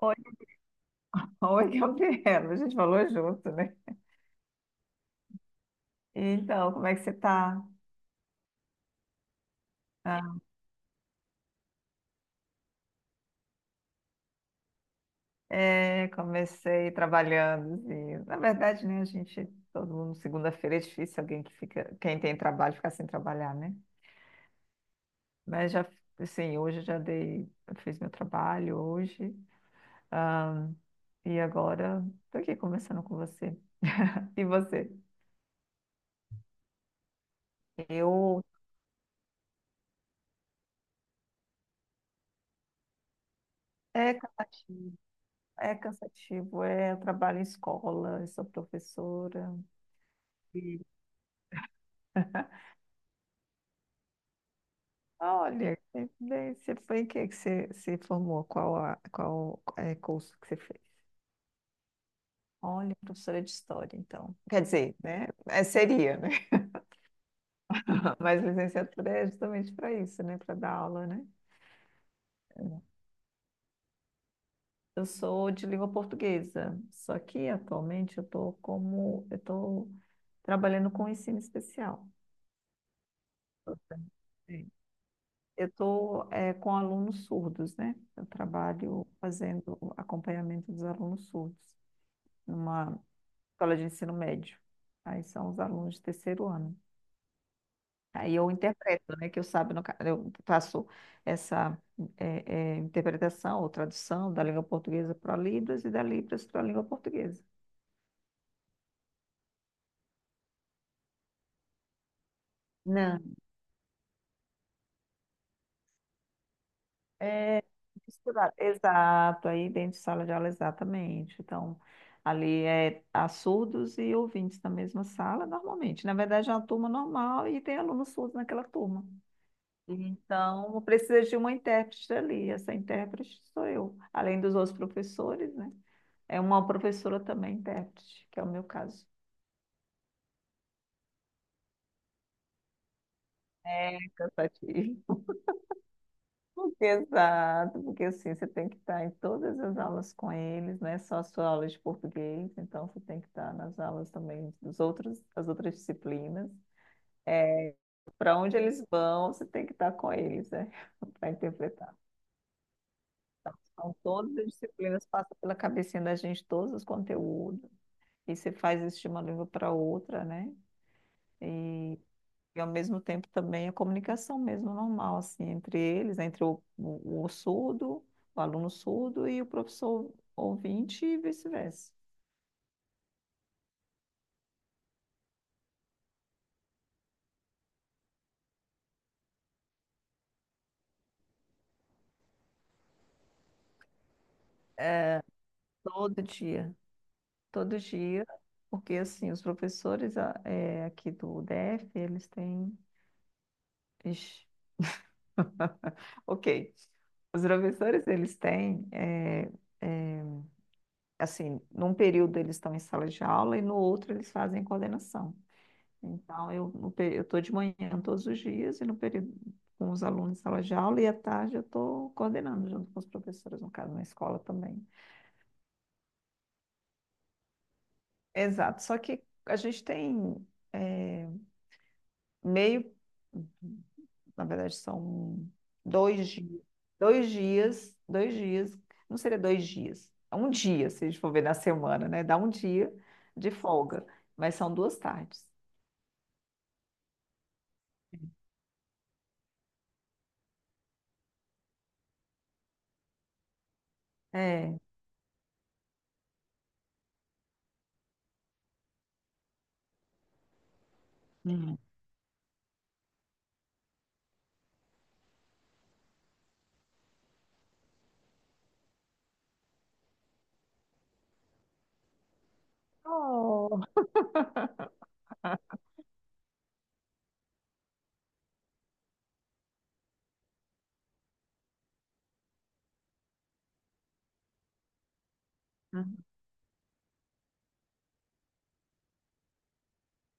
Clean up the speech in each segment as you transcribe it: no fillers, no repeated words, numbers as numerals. Oi, oi, Gabriela. A gente falou junto, né? Então, como é que você tá? Ah, é, comecei trabalhando, assim. Na verdade, né, a gente, todo mundo, segunda-feira é difícil alguém que fica, quem tem trabalho ficar sem trabalhar, né? Mas já, assim, hoje eu já dei, eu fiz meu trabalho hoje. Ah, e agora tô aqui conversando com você. E você? Eu É cansativo, eu trabalho em escola, eu sou professora. Olha, bem, você foi em que você se formou? Qual é, curso que você fez? Olha, professora de história, então. Quer dizer, né? Seria, né? Mas licenciatura é justamente para isso, né? Para dar aula, né? Eu sou de língua portuguesa, só que atualmente eu estou trabalhando com ensino especial. Sim. Eu estou com alunos surdos, né? Eu trabalho fazendo acompanhamento dos alunos surdos numa escola de ensino médio. Aí são os alunos de terceiro ano. Aí eu interpreto, né? Que eu sabe, no, ca- eu faço essa interpretação ou tradução da língua portuguesa para Libras e da Libras para a língua portuguesa. Não. É misturado. Exato, aí dentro de sala de aula, exatamente. Então, ali há surdos e ouvintes na mesma sala, normalmente. Na verdade, é uma turma normal e tem alunos surdos naquela turma. Então, precisa de uma intérprete ali. Essa intérprete sou eu, além dos outros professores, né? É uma professora também intérprete, que é o meu caso. É cansativo. Exato, porque assim, você tem que estar em todas as aulas com eles, não é só a sua aula de português, então você tem que estar nas aulas também dos outros, das outras disciplinas. Para onde eles vão, você tem que estar com eles, né? Para interpretar. Então, todas as disciplinas passam pela cabecinha da gente, todos os conteúdos. E você faz isso de uma língua para outra, né? E, ao mesmo tempo também a comunicação mesmo normal, assim, entre eles, entre o surdo, o aluno surdo e o professor ouvinte e vice-versa. Todo dia, todo dia, porque assim, os professores aqui do DF, eles têm. Ixi. Ok. Os professores, eles têm, eh, assim, num período eles estão em sala de aula e no outro eles fazem coordenação. Então, eu no pe- eu estou de manhã todos os dias e no período com os alunos em sala de aula e à tarde eu estou coordenando junto com os professores, no caso, na escola também. Exato, só que a gente tem eh, meio, na verdade, são dois dias, dois dias, dois dias, não seria dois dias, é um dia, se a gente for ver na semana, né? Dá um dia de folga, mas são duas tardes. É. Hum. Oh.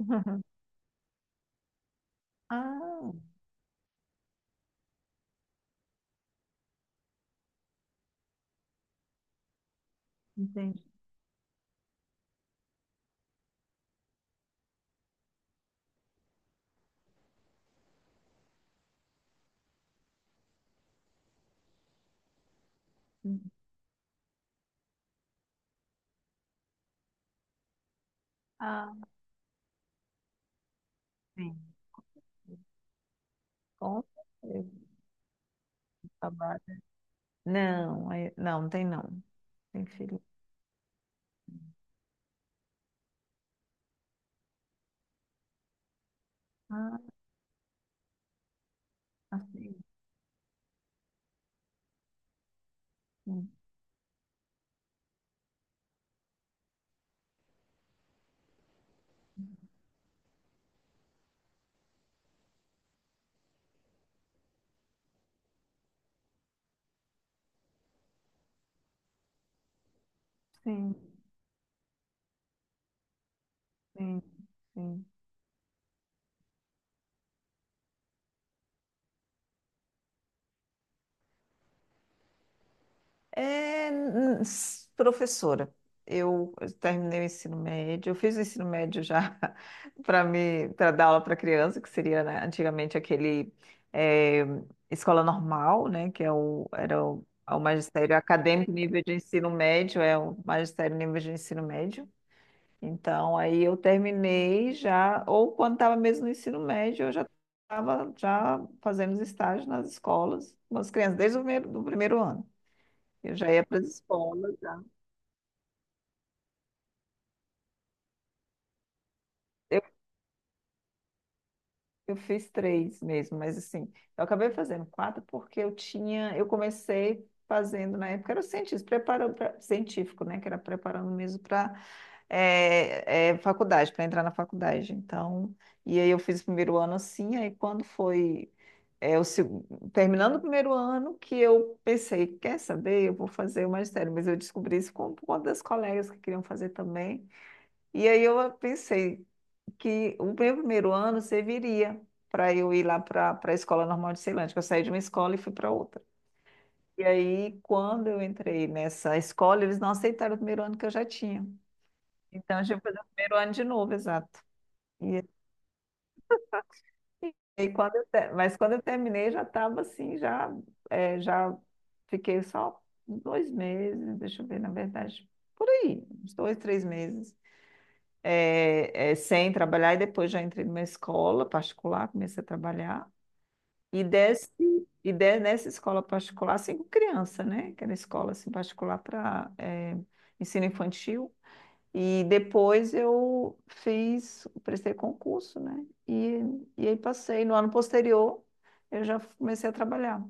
Ah, entendi. Ah, sim, com certeza. Trabalho. Não, não, não tem não. Tem filho. Ah, assim. Sim, sim, sim, sim. É, professora, eu terminei o ensino médio, eu fiz o ensino médio já para dar aula para criança, que seria, né, antigamente aquele é, escola normal, né, que é o, era o, é o magistério acadêmico nível de ensino médio, é o magistério nível de ensino médio. Então, aí eu terminei já, ou quando estava mesmo no ensino médio, eu já estava já fazendo os estágios nas escolas, com as crianças, desde o primeiro, do primeiro ano. Eu já ia para as escolas, já. Eu, eu fiz três mesmo, mas assim, eu acabei fazendo quatro porque eu comecei fazendo na época, era cientista, preparando científico, né? Que era preparando mesmo para faculdade, para entrar na faculdade. Então, e aí eu fiz o primeiro ano assim, aí quando foi É o seg- terminando o primeiro ano que eu pensei, quer saber, eu vou fazer o magistério, mas eu descobri isso com por conta das colegas que queriam fazer também. E aí eu pensei que o meu primeiro ano serviria para eu ir lá para a Escola Normal de Ceilândia, que eu saí de uma escola e fui para outra. E aí, quando eu entrei nessa escola, eles não aceitaram o primeiro ano que eu já tinha. Então, eu tive que fazer o primeiro ano de novo, exato. Mas quando eu terminei, já estava assim, já, já fiquei só 2 meses, deixa eu ver, na verdade, por aí, uns dois, três meses, sem trabalhar, e depois já entrei numa escola particular, comecei a trabalhar, e desse, nessa escola particular, assim, com criança, né? Que era escola assim, particular para ensino infantil, e depois prestei concurso, né? E aí passei. No ano posterior, eu já comecei a trabalhar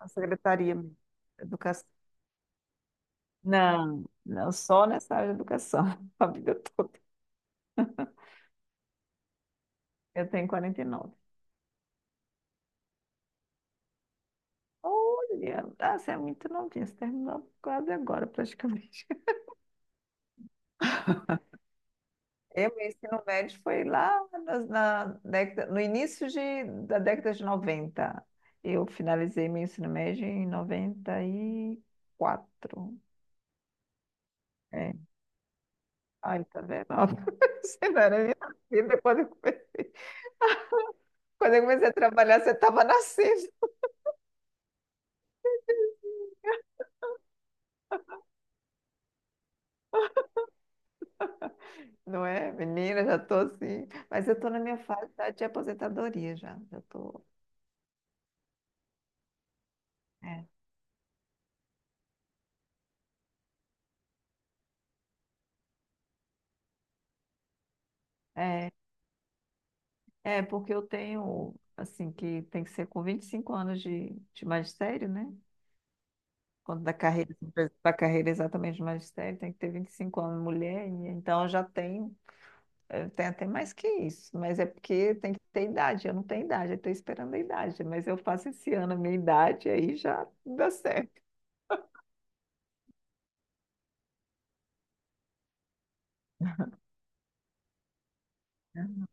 na secretaria de educação. Não, não só nessa área de educação, a vida toda. Eu tenho 49. Olha, ah, você é muito novinha, você terminou quase agora, praticamente. Eu, meu ensino médio foi lá década, no início da década de 90. Eu finalizei meu ensino médio em noventa e quatro. É. Ai, tá vendo? Você não era nem nascida quando eu comecei. Quando eu comecei a trabalhar, você estava nascendo, não é? Menina, já tô assim. Mas eu tô na minha fase já de aposentadoria já. Já tô. É, é, é porque eu tenho, assim, que tem que ser com 25 anos de magistério, né? Quanto da carreira exatamente de magistério, tem que ter 25 anos, mulher, e então eu tenho até mais que isso, mas é porque tem que ter idade, eu não tenho idade, eu estou esperando a idade, mas eu faço esse ano a minha idade, aí já dá certo. Né?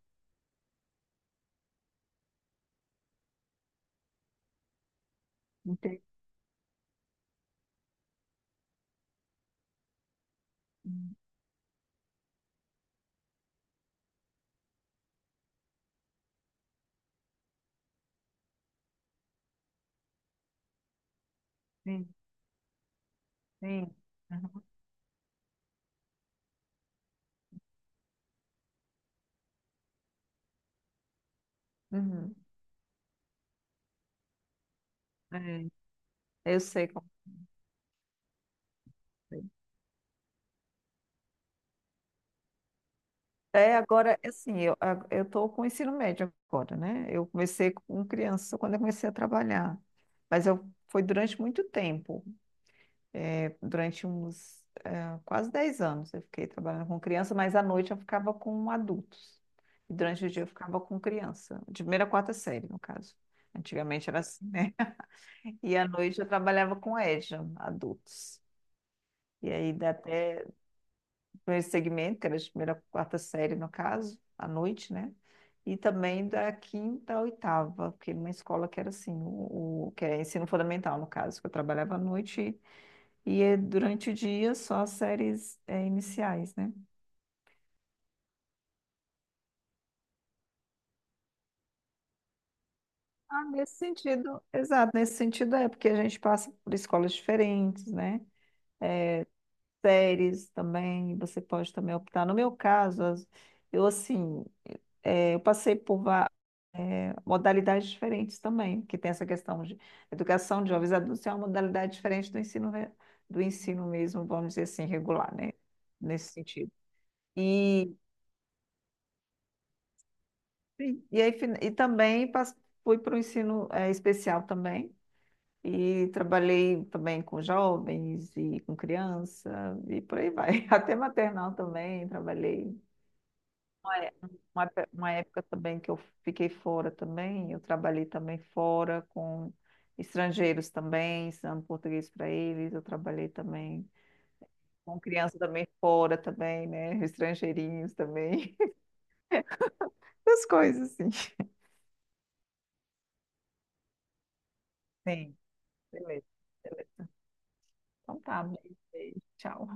Entendi. Sim, sim. Aham. Uhum. É, eu sei como foi. É, agora, é assim, eu tô com o ensino médio agora, né? Eu comecei com criança quando eu comecei a trabalhar, mas foi durante muito tempo. É, durante uns quase 10 anos eu fiquei trabalhando com criança, mas à noite eu ficava com adultos. E durante o dia eu ficava com criança, de primeira a quarta série, no caso. Antigamente era assim, né? E à noite eu trabalhava com EJA, adultos. E aí dá até meu segmento, que era de primeira a quarta série, no caso, à noite, né? E também da quinta à oitava, porque numa escola que era assim, que era ensino fundamental, no caso, que eu trabalhava à noite e durante o dia só as séries iniciais, né? Ah, nesse sentido. Exato, nesse sentido é, porque a gente passa por escolas diferentes, né? Séries também, você pode também optar. No meu caso, eu assim, eu passei por modalidades diferentes também, que tem essa questão de educação de jovens adultos, é uma modalidade diferente do ensino, do ensino mesmo, vamos dizer assim, regular, né? Nesse sentido. E sim. E aí, e também fui para o ensino especial também, e trabalhei também com jovens e com criança, e por aí vai. Até maternal também, trabalhei. Uma, é- uma pe- uma época também que eu fiquei fora também, eu trabalhei também fora com estrangeiros também, ensinando português para eles, eu trabalhei também com criança também fora também, né? Estrangeirinhos também, essas coisas assim. Sim, beleza. Então tá, beijo, beijo, tchau.